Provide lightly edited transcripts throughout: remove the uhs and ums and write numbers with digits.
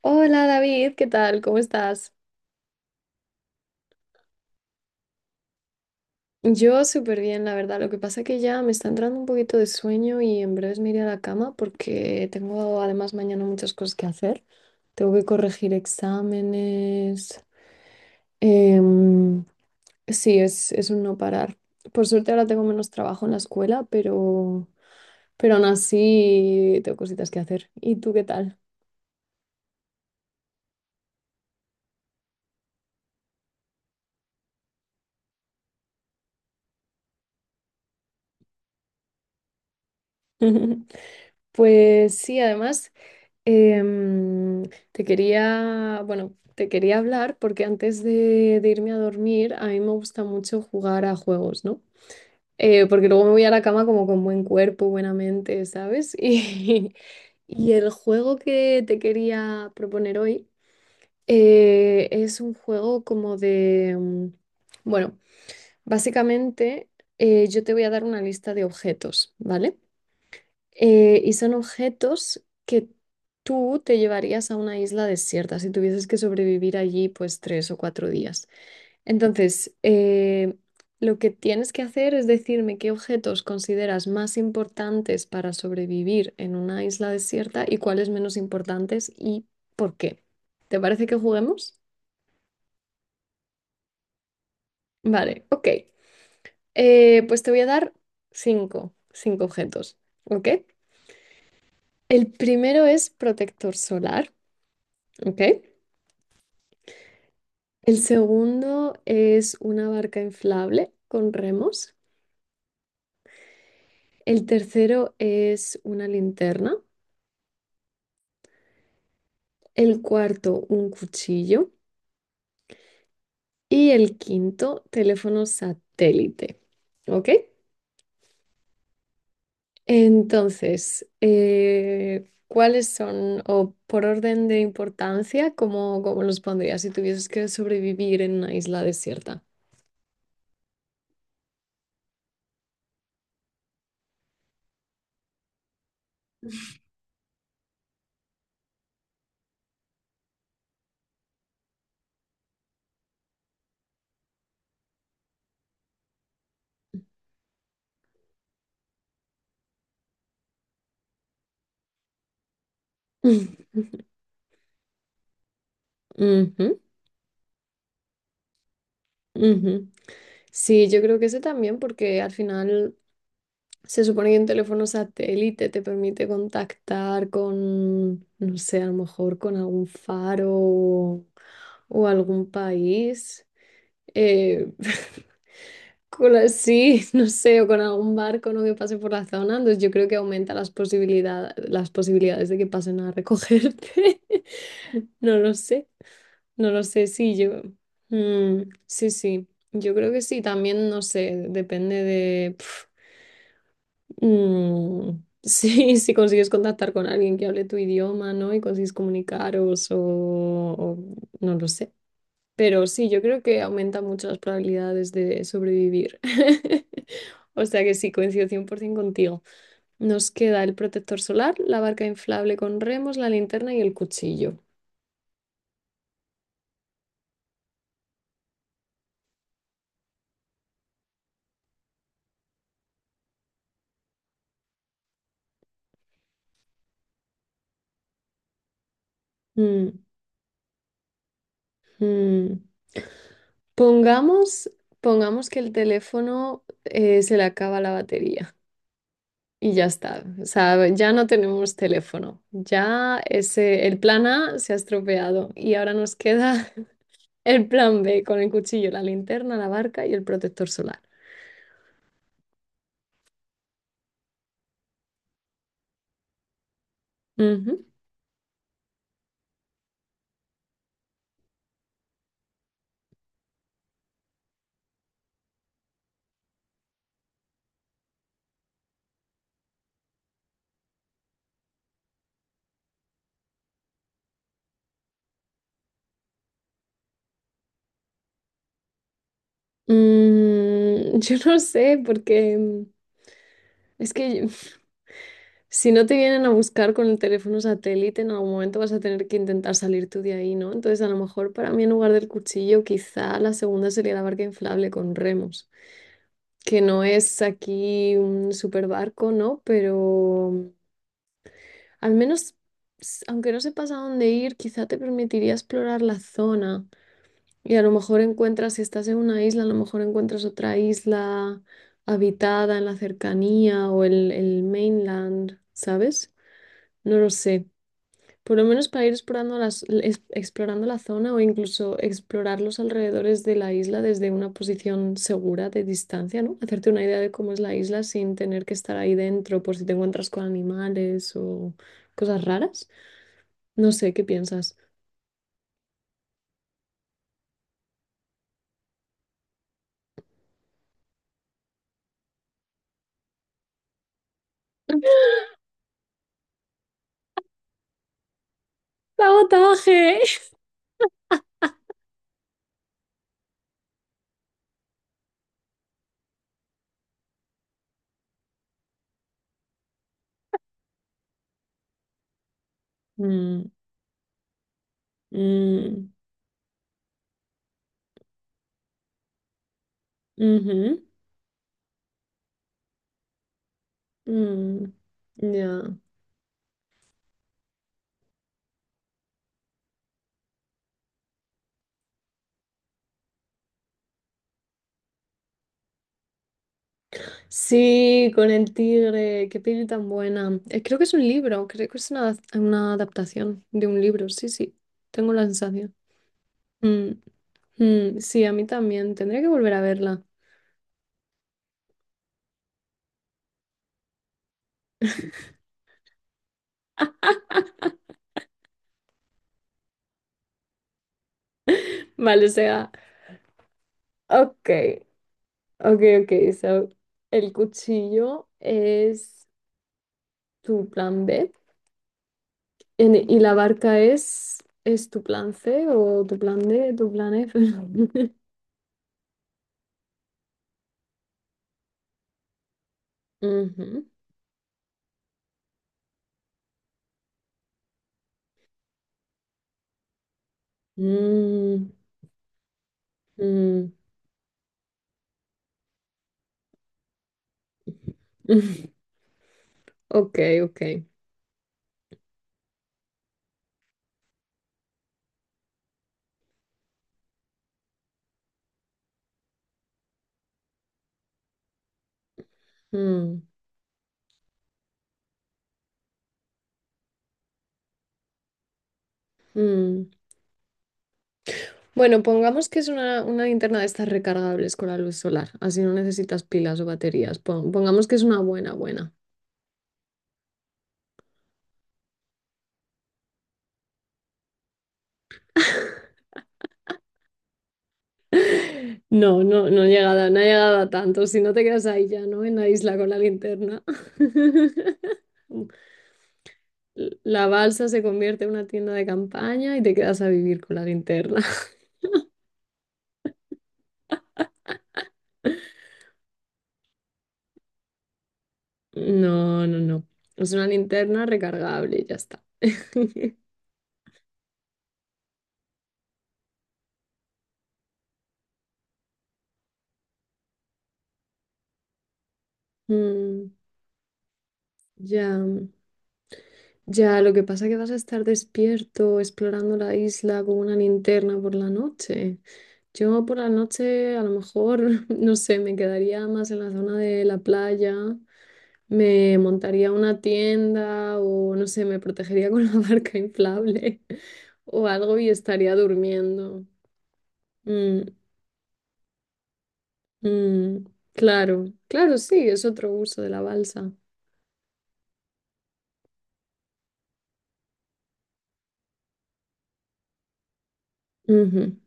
Hola David, ¿qué tal? ¿Cómo estás? Yo súper bien, la verdad. Lo que pasa que ya me está entrando un poquito de sueño y en breves me iré a la cama porque tengo además mañana muchas cosas que hacer. Tengo que corregir exámenes. Em, sí, es un no parar. Por suerte ahora tengo menos trabajo en la escuela, pero aún así tengo cositas que hacer. ¿Y tú qué tal? Pues sí, además Em, te quería, bueno, te quería hablar porque de irme a dormir, a mí me gusta mucho jugar a juegos, ¿no? Porque luego me voy a la cama como con buen cuerpo, buena mente, ¿sabes? Y el juego que te quería proponer hoy es un juego como bueno, básicamente yo te voy a dar una lista de objetos, ¿vale? Y son objetos que tú te llevarías a una isla desierta si tuvieses que sobrevivir allí pues tres o cuatro días. Entonces, lo que tienes que hacer es decirme qué objetos consideras más importantes para sobrevivir en una isla desierta y cuáles menos importantes y por qué. ¿Te parece que juguemos? Vale, ok. Pues te voy a dar cinco objetos, ¿ok? El primero es protector solar, ¿ok? El segundo es una barca inflable con remos. El tercero es una linterna. El cuarto, un cuchillo. Y el quinto, teléfono satélite. ¿Ok? Entonces, ¿cuáles son, o por orden de importancia, cómo los pondrías si tuvieses que sobrevivir en una isla desierta? Ujú, ujú. Sí, yo creo que ese también, porque al final se supone que un teléfono satélite te permite contactar con, no sé, a lo mejor con algún faro o algún país, eh, con así, no sé, o con algún barco, ¿no? Que pase por la zona. Entonces yo creo que aumenta las posibilidades de que pasen a recogerte. No lo sé, no lo sé, sí, yo. Mm, sí, sí, yo creo que sí, también, no sé, depende de... Mm, sí, si consigues contactar con alguien que hable tu idioma, ¿no? Y consigues comunicaros o no lo sé. Pero sí, yo creo que aumenta mucho las probabilidades de sobrevivir. O sea que sí, coincido 100% contigo. Nos queda el protector solar, la barca inflable con remos, la linterna y el cuchillo. Mm, mm. Pongamos, pongamos que el teléfono se le acaba la batería. Y ya está. O sea, ya no tenemos teléfono. Ya ese, el plan A se ha estropeado y ahora nos queda el plan B con el cuchillo, la linterna, la barca y el protector solar. Ujú. Mm, yo no sé, porque mm, es que si no te vienen a buscar con el teléfono satélite, en algún momento vas a tener que intentar salir tú de ahí, ¿no? Entonces, a lo mejor para mí en lugar del cuchillo, quizá la segunda sería la barca inflable con remos. Que no es aquí un super barco, ¿no? Pero mm, al menos, aunque no sepas a dónde ir, quizá te permitiría explorar la zona. Y a lo mejor encuentras, si estás en una isla, a lo mejor encuentras otra isla habitada en la cercanía o el mainland, ¿sabes? No lo sé. Por lo menos para ir explorando la zona o incluso explorar los alrededores de la isla desde una posición segura de distancia, ¿no? Hacerte una idea de cómo es la isla sin tener que estar ahí dentro por si te encuentras con animales o cosas raras. No sé, ¿qué piensas? ¡Sabotaje! Mm, mm, ujú, mm, ya. Sí, con el tigre, qué peli tan buena. Creo que es un libro, creo que es una adaptación de un libro, sí, sí, tengo la sensación. Mm, mm, sí, a mí también, tendría que volver a verla. Vale, o sea, ok, ok, ok, so, el cuchillo es tu plan B y la barca es tu plan C o tu plan D, tu plan F. Ujú. Mm, mm. Ok, ok. Mm, mm. Bueno, pongamos que es una linterna de estas recargables con la luz solar, así no necesitas pilas o baterías. Pongamos que es una buena, buena. No, no, no he llegado, no he llegado a tanto. Si no te quedas ahí ya, ¿no? En la isla con la linterna. La balsa se convierte en una tienda de campaña y te quedas a vivir con la linterna. No, no, no. Es una linterna recargable, ya está. Mm, ya. Ya, lo que pasa es que vas a estar despierto explorando la isla con una linterna por la noche. Yo por la noche a lo mejor, no sé, me quedaría más en la zona de la playa, me montaría una tienda o no sé, me protegería con la barca inflable o algo y estaría durmiendo. Mm, mm, claro, claro, sí, es otro uso de la balsa. Ujú,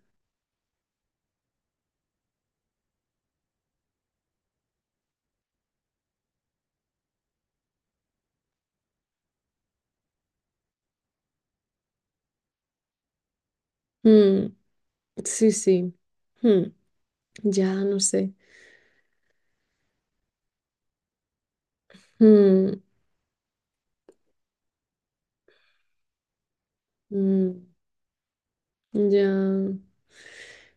mm, sí, sí. Mm, ya, no sé. Mm, mm, ya.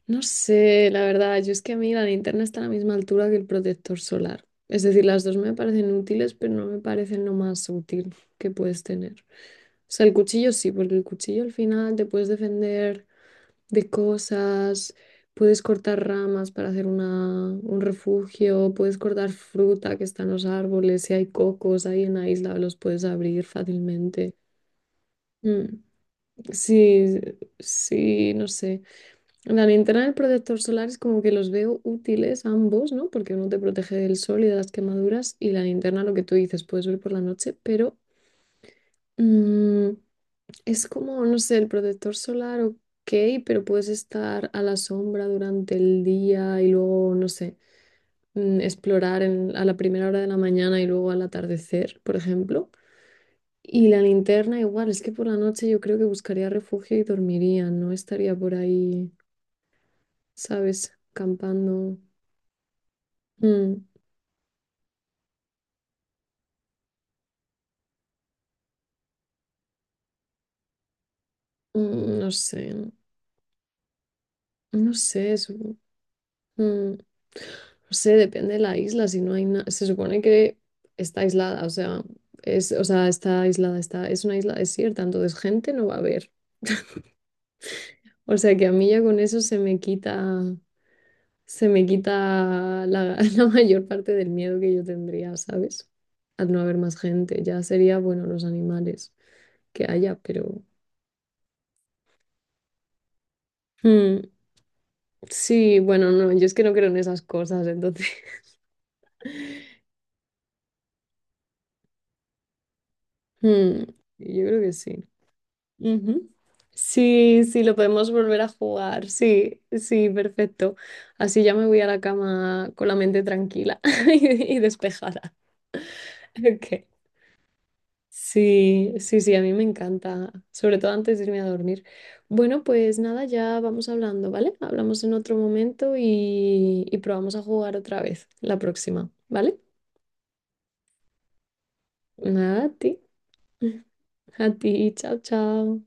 No sé, la verdad, yo es que a mí la linterna está a la misma altura que el protector solar. Es decir, las dos me parecen útiles, pero no me parecen lo más útil que puedes tener. O sea, el cuchillo sí, porque el cuchillo al final te puedes defender de cosas, puedes cortar ramas para hacer un refugio, puedes cortar fruta que está en los árboles, si hay cocos ahí en la isla, los puedes abrir fácilmente. Mm, sí, sí, no sé. La linterna y el protector solar es como que los veo útiles ambos, ¿no? Porque uno te protege del sol y de las quemaduras y la linterna, lo que tú dices, puedes ver por la noche, pero mm, es como, no sé, el protector solar, ok, pero puedes estar a la sombra durante el día y luego, no sé, mm, a la primera hora de la mañana y luego al atardecer, por ejemplo. Y la linterna igual, es que por la noche yo creo que buscaría refugio y dormiría, no estaría por ahí, ¿sabes? Campando. Mm, mm, no sé, no sé, supo- mm, no sé, depende de la isla, si no hay nada, se supone que está aislada, o sea, o sea, está aislada, es una isla desierta, entonces gente no va a haber. O sea que a mí ya con eso se me quita la, la mayor parte del miedo que yo tendría, ¿sabes? Al no haber más gente, ya sería, bueno, los animales que haya, pero... Mm, sí, bueno, no, yo es que no creo en esas cosas, entonces... Mm, yo creo que sí. Ujú. Sí, sí, lo podemos volver a jugar. Sí, sí, perfecto. Así ya me voy a la cama con la mente tranquila y despejada. Ok. Sí, sí, sí, a mí me encanta, sobre todo antes de irme a dormir. Bueno, pues nada, ya vamos hablando, ¿vale? Hablamos en otro momento y probamos a jugar otra vez la próxima, ¿vale? Nada, a ti, a ti, chao, chao.